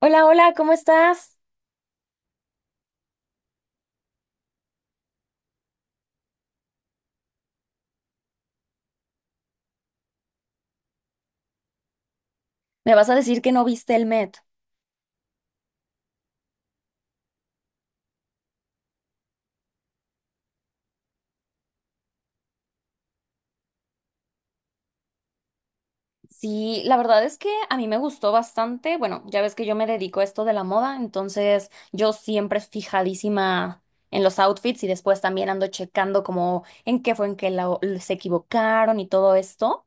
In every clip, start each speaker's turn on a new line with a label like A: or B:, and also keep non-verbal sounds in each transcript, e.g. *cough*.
A: Hola, hola, ¿cómo estás? Me vas a decir que no viste el Met. Sí, la verdad es que a mí me gustó bastante. Bueno, ya ves que yo me dedico a esto de la moda, entonces yo siempre fijadísima en los outfits y después también ando checando como en qué fue en que se equivocaron y todo esto.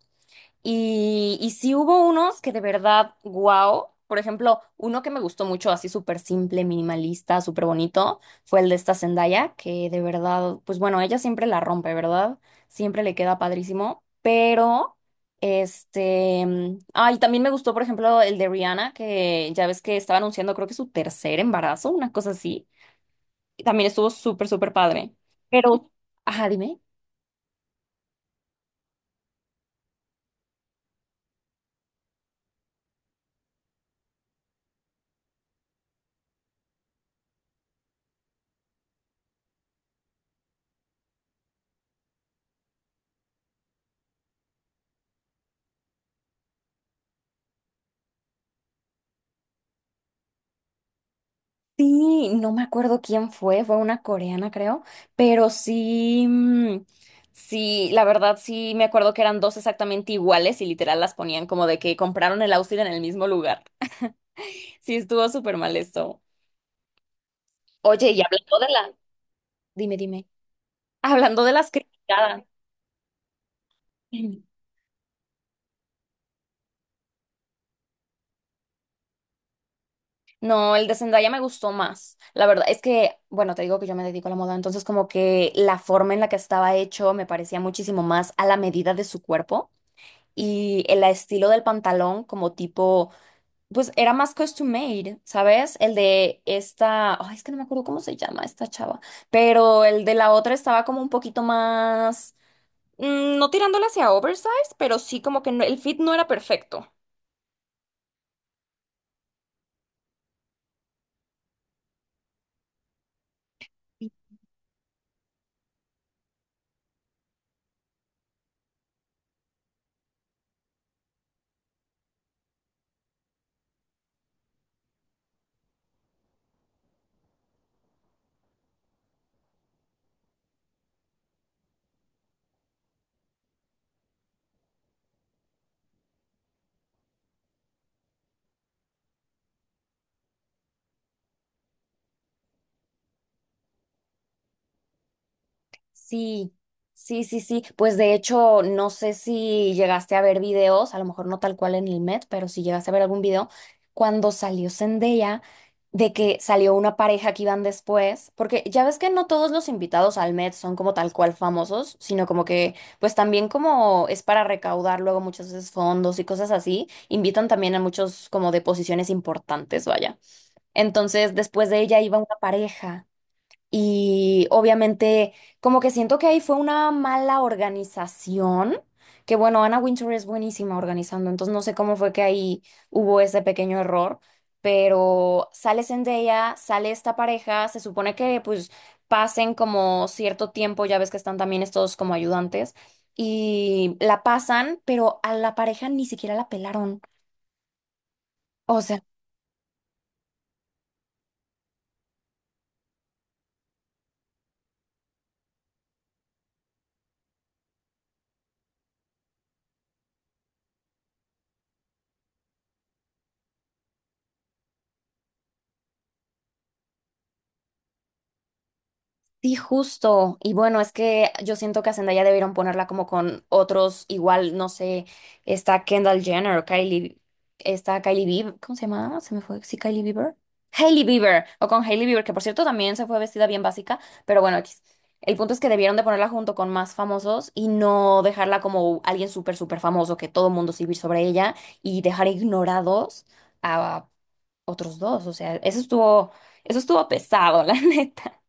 A: Y sí hubo unos que de verdad, wow. Por ejemplo, uno que me gustó mucho, así súper simple, minimalista, súper bonito, fue el de esta Zendaya, que de verdad, pues bueno, ella siempre la rompe, ¿verdad? Siempre le queda padrísimo. Y también me gustó, por ejemplo, el de Rihanna, que ya ves que estaba anunciando, creo que su tercer embarazo, una cosa así. Y también estuvo súper, súper padre. Pero, ajá, dime. Sí, no me acuerdo quién fue, fue una coreana creo, pero sí, la verdad sí me acuerdo que eran dos exactamente iguales y literal las ponían como de que compraron el outfit en el mismo lugar. Sí, estuvo súper mal esto. Oye, y hablando de la... Dime, dime. Hablando de las criticadas. No, el de Zendaya me gustó más. La verdad es que, bueno, te digo que yo me dedico a la moda, entonces como que la forma en la que estaba hecho me parecía muchísimo más a la medida de su cuerpo y el estilo del pantalón como tipo, pues era más custom made, ¿sabes? El de esta, ay, es que no me acuerdo cómo se llama esta chava, pero el de la otra estaba como un poquito más, mm, no tirándole hacia oversize, pero sí como que el fit no era perfecto. Sí, sí, sí, sí. Pues de hecho, no sé si llegaste a ver videos, a lo mejor no tal cual en el Met, pero si llegaste a ver algún video, cuando salió Zendaya, de que salió una pareja que iban después, porque ya ves que no todos los invitados al Met son como tal cual famosos, sino como que, pues también como es para recaudar luego muchas veces fondos y cosas así, invitan también a muchos como de posiciones importantes, vaya. Entonces, después de ella iba una pareja. Y obviamente, como que siento que ahí fue una mala organización, que bueno, Anna Wintour es buenísima organizando, entonces no sé cómo fue que ahí hubo ese pequeño error, pero sale Zendaya, sale esta pareja, se supone que pues pasen como cierto tiempo, ya ves que están también estos como ayudantes, y la pasan, pero a la pareja ni siquiera la pelaron. O sea. Sí, justo. Y bueno, es que yo siento que a Zendaya debieron ponerla como con otros, igual, no sé, está Kendall Jenner Kylie, está Kylie Bieber, ¿cómo se llama? Se me fue, sí, Kylie Bieber. Hailey Bieber, o con Hailey Bieber, que por cierto también se fue vestida bien básica, pero bueno, X. El punto es que debieron de ponerla junto con más famosos y no dejarla como alguien súper, súper famoso, que todo mundo se sobre ella y dejar ignorados a otros dos. O sea, eso estuvo pesado, *laughs* la neta.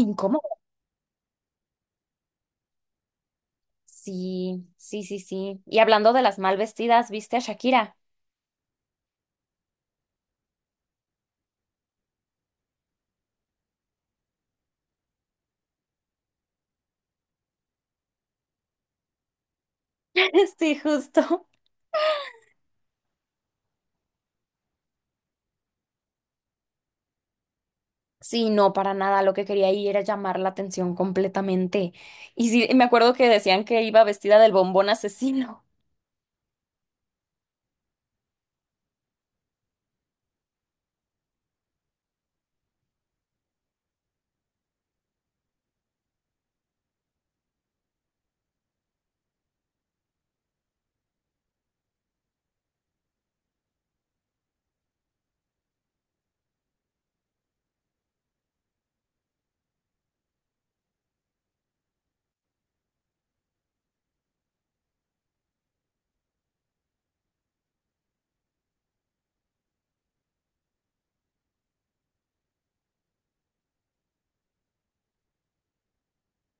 A: Incómodo. Sí, sí, sí, sí. Y hablando de las mal vestidas, ¿viste a Shakira? *laughs* Sí, justo. Sí, no, para nada. Lo que quería ahí era llamar la atención completamente. Y sí, me acuerdo que decían que iba vestida del bombón asesino.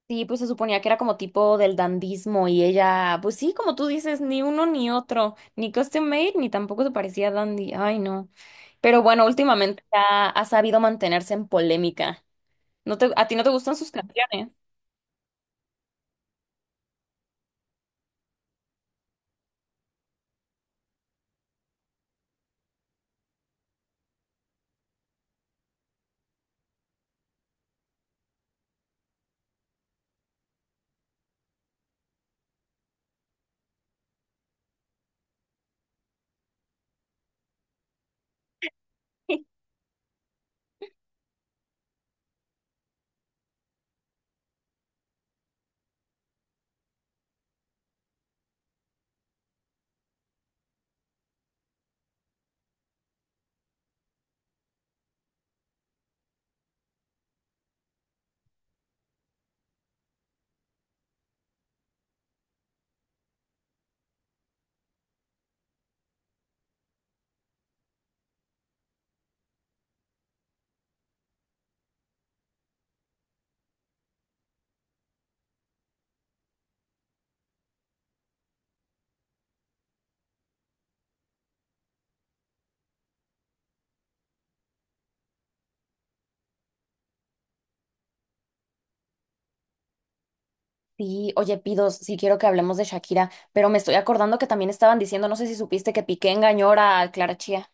A: Sí, pues se suponía que era como tipo del dandismo y ella, pues sí, como tú dices, ni uno ni otro, ni custom made, ni tampoco se parecía a dandy. Ay, no. Pero bueno, últimamente ya ha sabido mantenerse en polémica. ¿No te, a ti no te gustan sus canciones? Sí, oye, Pidos, sí quiero que hablemos de Shakira, pero me estoy acordando que también estaban diciendo, no sé si supiste que Piqué engañó a Clara Chía.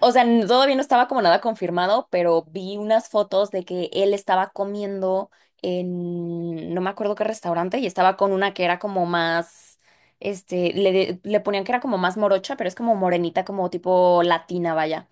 A: O sea, todavía no estaba como nada confirmado, pero vi unas fotos de que él estaba comiendo en no me acuerdo qué restaurante y estaba con una que era como más, le ponían que era como más morocha, pero es como morenita, como tipo latina, vaya,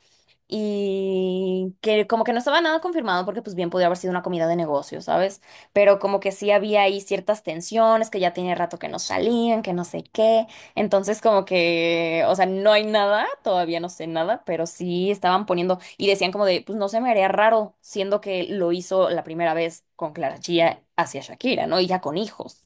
A: y que como que no estaba nada confirmado porque pues bien podía haber sido una comida de negocio, ¿sabes? Pero como que sí había ahí ciertas tensiones, que ya tiene rato que no salían, que no sé qué. Entonces como que, o sea, no hay nada, todavía no sé nada, pero sí estaban poniendo y decían como de, pues no se me haría raro, siendo que lo hizo la primera vez con Clara Chía hacia Shakira, ¿no? Y ya con hijos. *laughs*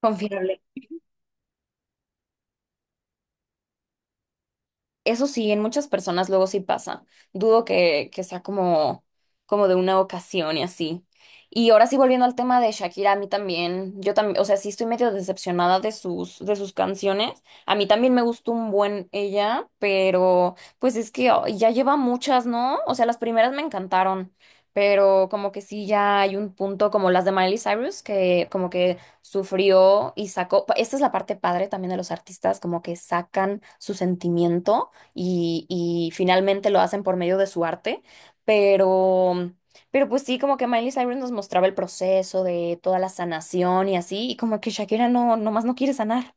A: Confiable. Eso sí, en muchas personas luego sí pasa. Dudo que sea como, como de una ocasión y así. Y ahora sí, volviendo al tema de Shakira, a mí también, yo también, o sea, sí estoy medio decepcionada de de sus canciones. A mí también me gustó un buen ella, pero pues es que ay, ya lleva muchas, ¿no? O sea, las primeras me encantaron, pero como que sí ya hay un punto como las de Miley Cyrus, que como que sufrió y sacó, esta es la parte padre también de los artistas, como que sacan su sentimiento y finalmente lo hacen por medio de su arte, pero, pero pues sí, como que Miley Cyrus nos mostraba el proceso de toda la sanación y así, y como que Shakira no, nomás no quiere sanar.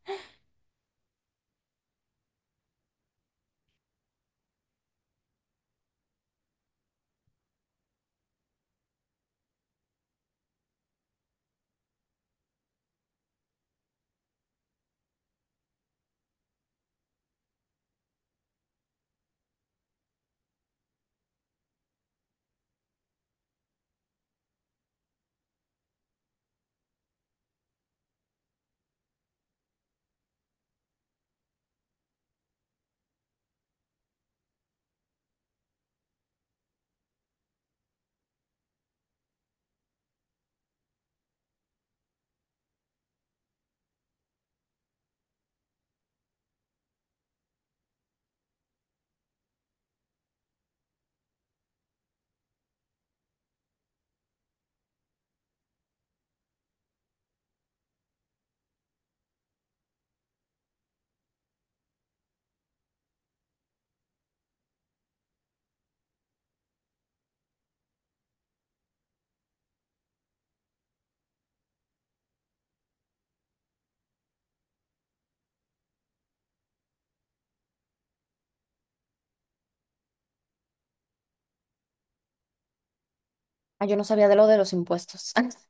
A: Ah, yo no sabía de lo de los impuestos. *laughs*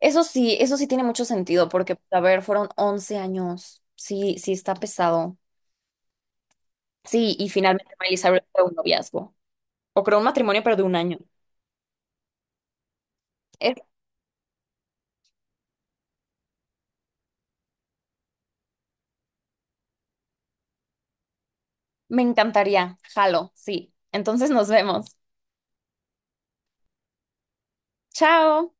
A: Eso sí tiene mucho sentido, porque, a ver, fueron 11 años. Sí, sí está pesado. Sí, y finalmente Miley Cyrus fue un noviazgo. O creo un matrimonio, pero de un año. Eh, me encantaría. Jalo, sí. Entonces nos vemos. Chao.